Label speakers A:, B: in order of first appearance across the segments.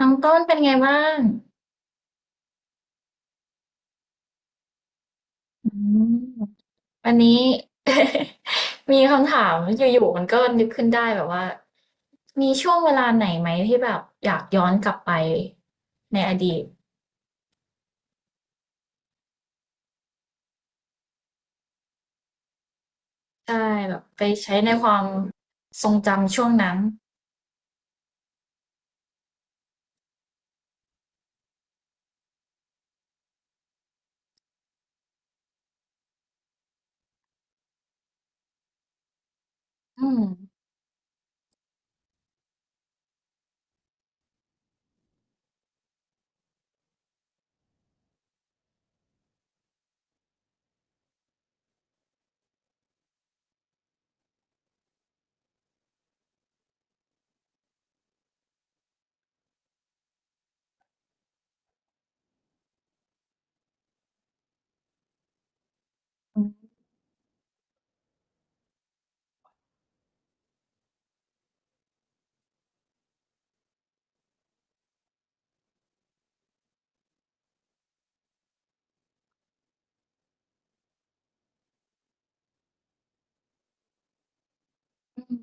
A: น้องต้นเป็นไงบ้างอืมวันนี้ มีคำถามอยู่ๆมันก็นึกขึ้นได้แบบว่ามีช่วงเวลาไหนไหมที่แบบอยากย้อนกลับไปในอดีตใช่แบบไปใช้ในความทรงจำช่วงนั้นอืมอืมอืม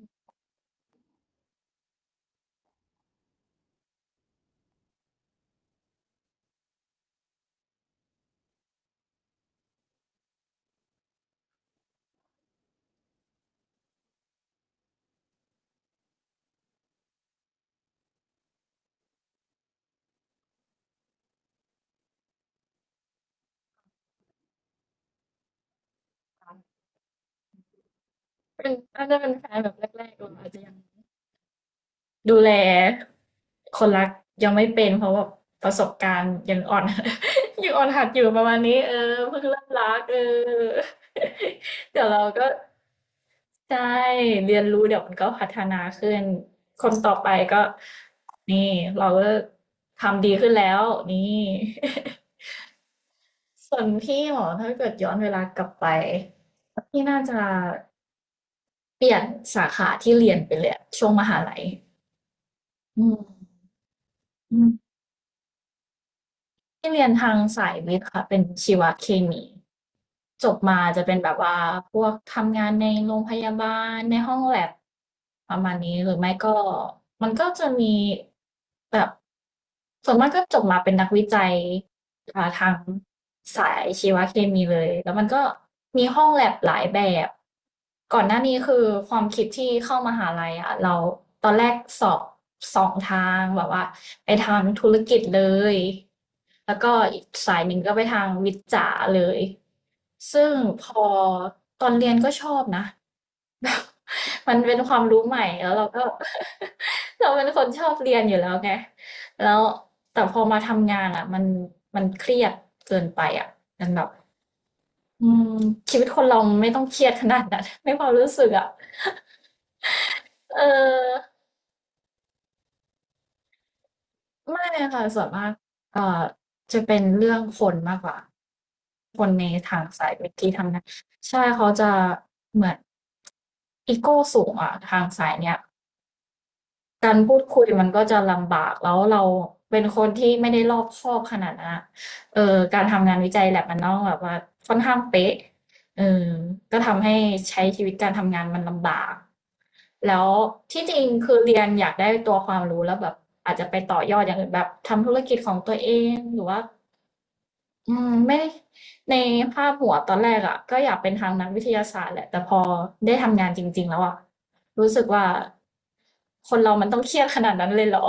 A: เป็นน่าจะเป็นแฟนแบบแรกๆเราอาจจะยัง ดูแลคนรักยังไม่เป็นเพราะแบบประสบการณ์ยังอ่อน ยังอ่อนหัดอยู่ประมาณนี้เออเพิ่งเริ่มรักเออ เดี๋ยวเราก็ใช่เรียนรู้เดี๋ยวมันก็พัฒนาขึ้นคนต่อไปก็นี่เราก็ทำดีขึ้นแล้วนี่ ส่วนพี่หรอถ้าเกิดย้อนเวลากลับไปพี่น่าจะเปลี่ยนสาขาที่เรียนไปเลยอะช่วงมหาลัยอืมอืม ที่เรียนทางสายวิทย์ค่ะเป็นชีวเคมีจบมาจะเป็นแบบว่าพวกทำงานในโรงพยาบาลในห้องแลบประมาณนี้หรือไม่ก็มันก็จะมีแบบส่วนมากก็จบมาเป็นนักวิจัย อ่าทางสายชีวเคมีเลยแล้วมันก็มีห้องแลบหลายแบบก่อนหน้านี้คือความคิดที่เข้ามหาลัยอ่ะเราตอนแรกสอบสองทางแบบว่าไปทางธุรกิจเลยแล้วก็อีกสายหนึ่งก็ไปทางวิทย์จ๋าเลยซึ่งพอตอนเรียนก็ชอบนะ แบบมันเป็นความรู้ใหม่แล้วเราก็ เราเป็นคนชอบเรียนอยู่แล้วไงแล้ว แต่พอมาทำงานอ่ะมันเครียดเกินไปอ่ะมันแบบอืมชีวิตคนเราไม่ต้องเครียดขนาดนั้น ไม่ความรู้สึกอ่ะเออไม่ค่ะส่วนมากเอ่อจะเป็นเรื่องคนมากกว่าคนในทางสายเวิธีทำงานใช่เขาจะเหมือนอีโก้สูงอ่ะทางสายเนี้ย การพูดคุยมันก็จะลำบากแล้วเราเป็นคนที่ไม่ได้รอบคอบขนาดนั้นอะการทำงานวิจัย lab มันต้องแบบว่าค่อนข้างเป๊ะเออก็ทำให้ใช้ชีวิตการทำงานมันลำบาก แล้วที่จริงคือเรียนอยากได้ตัวความรู้แล้วแบบอาจจะไปต่อยอดอย่างอื่นแบบทำธุรกิจของตัวเองหรือว่าอืมไม่ในภาพหัวตอนแรกอะก็อยากเป็นทางนักวิทยาศาสตร์แหละแต่พอได้ทำงานจริงๆแล้วอะรู้สึกว่าคนเรามันต้องเครียดขนาดนั้นเลยเหรอ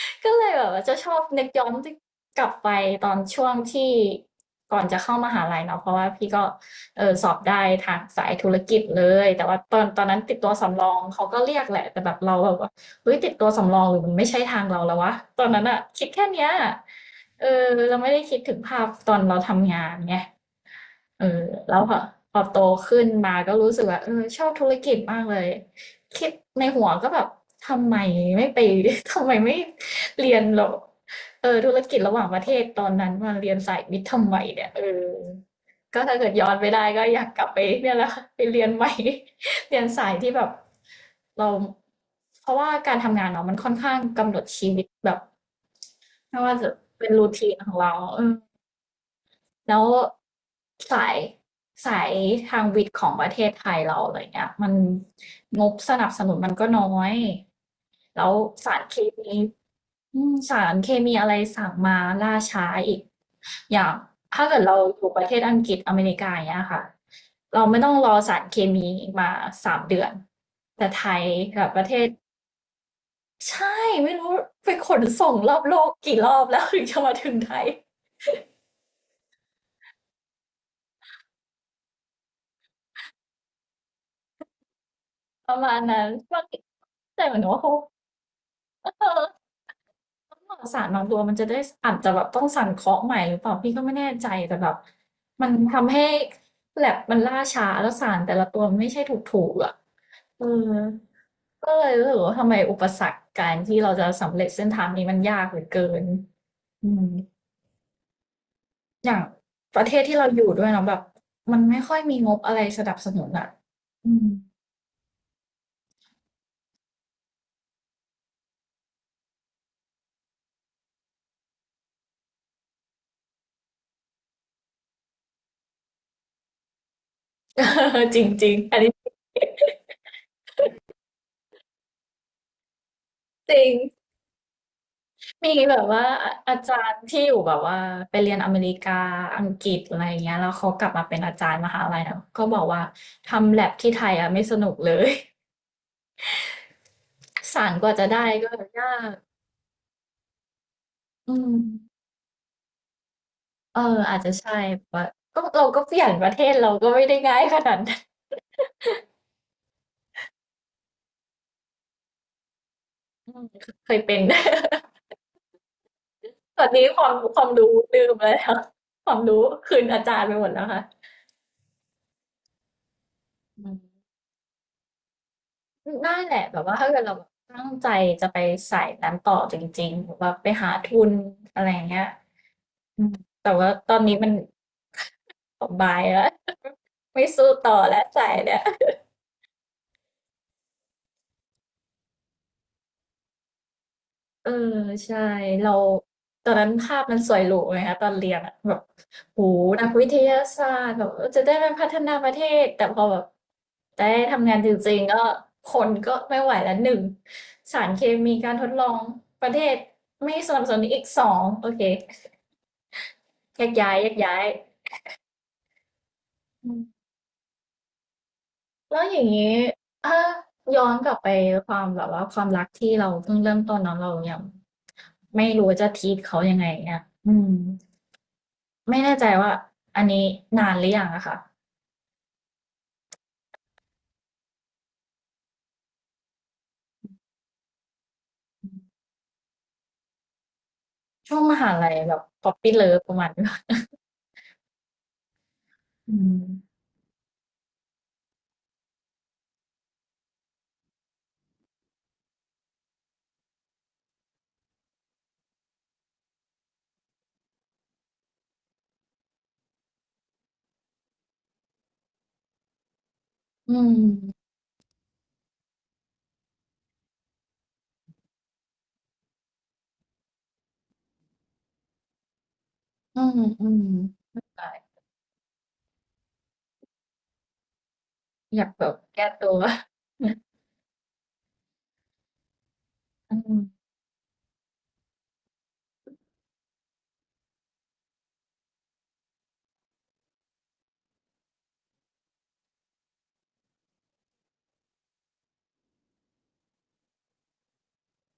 A: ก็เลยแบบว่าจะชอบนึกย้อนกลับไปตอนช่วงที่ก่อนจะเข้ามหาลัยเนาะเพราะว่าพี่ก็เออสอบได้ทางสายธุรกิจเลยแต่ว่าตอนนั้นติดตัวสำรองเขาก็เรียกแหละแต่แบบเราแบบว่าเฮ้ยติดตัวสำรองหรือมันไม่ใช่ทางเราแล้ววะตอนนั้นอะคิดแค่เนี้ยเออเราไม่ได้คิดถึงภาพตอนเราทำงานไง เออแล้วพอโตขึ้นมาก็รู้สึกว่าเออชอบธุรกิจมากเลยคิดในหัวก็แบบทำไมไม่ไป ทำไมไม่เรียนหรอกเออธุรกิจระหว่างประเทศตอนนั้นมาเรียนสายวิทย์ทำไมเนี่ยเออก็ถ้าเกิดย้อนไปได้ก็อยากกลับไปเนี่ยแหละ ไปเรียนใหม่ เรียนสายที่แบบเราเพราะว่าการทำงานเนาะมันค่อนข้างกำหนดชีวิตแบบไม่ว่าจะเป็นรูทีนของเราเออ แล้วสายสายทางวิทย์ของประเทศไทยเราอะไรเงี้ยมันงบสนับสนุนมันก็น้อยแล้วสารเคมีอืมสารเคมีอะไรสั่งมาล่าช้าอีกอย่างถ้าเกิดเราอยู่ประเทศอังกฤษอเมริกาอย่างเงี้ยค่ะเราไม่ต้องรอสารเคมีมา3 เดือนแต่ไทยกับประเทศใช่ไม่รู้ไปขนส่งรอบโลกกี่รอบแล้ว ถึงจะมาถึงไทย ประมาณนั้นบางทีแต่เหมือนว่าเขาเออหลอดสารบางตัวมันจะได้อาจจะแบบต้องสั่นเคาะใหม่หรือเปล่าพี่ก็ไม่แน่ใจแต่แบบมันทำให้แลบมันล่าช้าแล้วสารแต่ละตัวมันไม่ใช่ถูกๆอ่ะเออก็เลยรู้สึกว่าทำไมอุปสรรคการที่เราจะสำเร็จเส้นทางนี้มันยากเหลือเกินอืมอย่างประเทศที่เราอยู่ด้วยเนาะแบบมันไม่ค่อยมีงบอะไรสนับสนุนอ่ะอืม จริงจริงอันนี้จริง มีแบบว่าอาจารย์ที่อยู่แบบว่าไปเรียนอเมริกาอังกฤษอะไรอย่างเงี้ยแล้วเขากลับมาเป็นอาจารย์มหาลัยนะก็บอกว่าทำแ a b ที่ไทยอะไม่สนุกเลย สารกว่าจะได้ก็ยากอืมเอออาจจะใช่ว่าก็เราก็เปลี่ยนประเทศเราก็ไม่ได้ง่ายขนาดนั้นอืมเคยเป็น ตอนนี้ความรู้ลืมไปแล้วความรู้คืนอาจารย์ไปหมดแล้วค่ะอืม นั่นแหละแบบว่าถ้าเกิดเราแบบตั้งใจจะไปสายนั้นต่อจริงๆแบบว่าไปหาทุนอะไรอย่างเงี้ยอืมแต่ว่าตอนนี้มัน บายแล้ว ไม่สู้ต่อแล้วสายเนี่ย เออใช่เราตอนนั้นภาพมันสวยหรูไงคะตอนเรียนอะแบบโอ้โฮนักวิทยาศาสตร์แบบเออจะได้มาพัฒนาประเทศแต่พอแบบได้ทำงานจริงๆก็คนก็ไม่ไหวแล้วหนึ่งสารเคมีการทดลองประเทศไม่สนับสนุนอีก2โอเคแยกย้ายแยกย้ายอืมแล้วอย่างงี้ถ้าย้อนกลับไปความแบบว่าความรักที่เราเพิ่งเริ่มต้นเนาะเรายังไม่รู้ว่าจะ treat เขายังไงเงี้ยอืม ไม่แน่ใจว่าอันนี้นานหรือยังอะค่ะช่วงมหาลัยแบบ p o p p y Love ประมาณนี้ อืมอืมอืมอืมไม่เป็นได้อยากแบบแก้ตัวอืม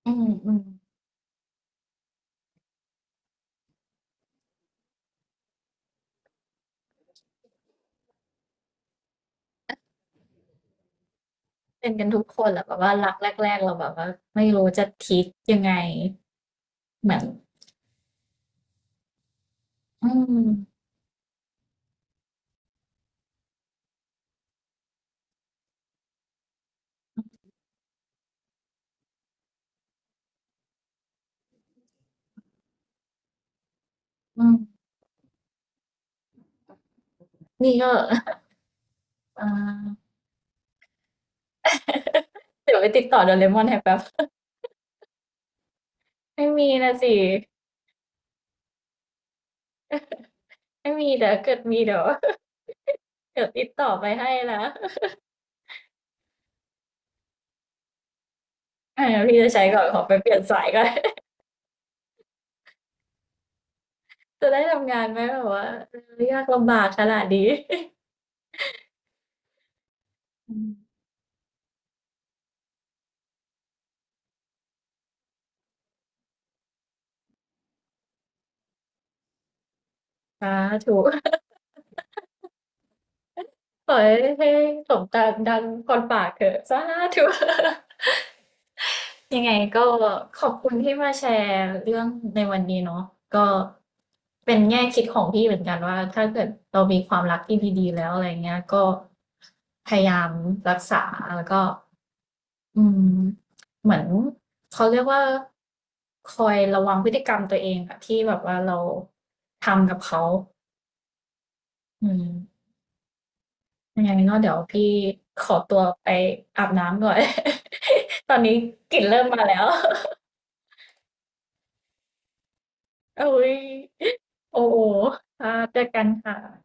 A: อืมอืมเป็นกันทุกคนแหละแบบว่ารักแรกๆเราแบบว่าไม่รู้จะทิทยังไงเหมือนอืมอืมนี่ก็ อ่าเดี๋ยวไปติดต่อโดเรมอนให้แป๊บไม่มีนะสิไม่มีเดี๋ยวเกิดมีเดี๋ยวเดี๋ยวติดต่อไปให้นะ อาพี่จะใช้ก่อนขอไปเปลี่ยนสายก่อน จะได้ทำงานไหมแบบว่าเออยากลำบากขนาดนี้ อืมสาธุขอให้ให้สมตัมดังคนปรากเถอะสาธุ ยังไงก็ขอบคุณที่มาแชร์เรื่องในวันนี้เนาะก็เป็นแง่คิดของพี่เหมือนกันว่าถ้าเกิดเรามีความรักที่ดีๆแล้วอะไรเงี้ยก็พยายามรักษาแล้วก็ อืมเหมือนเขาเรียกว่าคอยระวังพฤติกรรมตัวเองอะที่แบบว่าเราทำกับเขาอืมยังไงก็เดี๋ยวพี่ขอตัวไปอาบน้ำก่อน ตอนนี้กลิ่นเริ่มมาแล้ว อุ๊ยโอ้โฮค่ะเจอกันค่ะ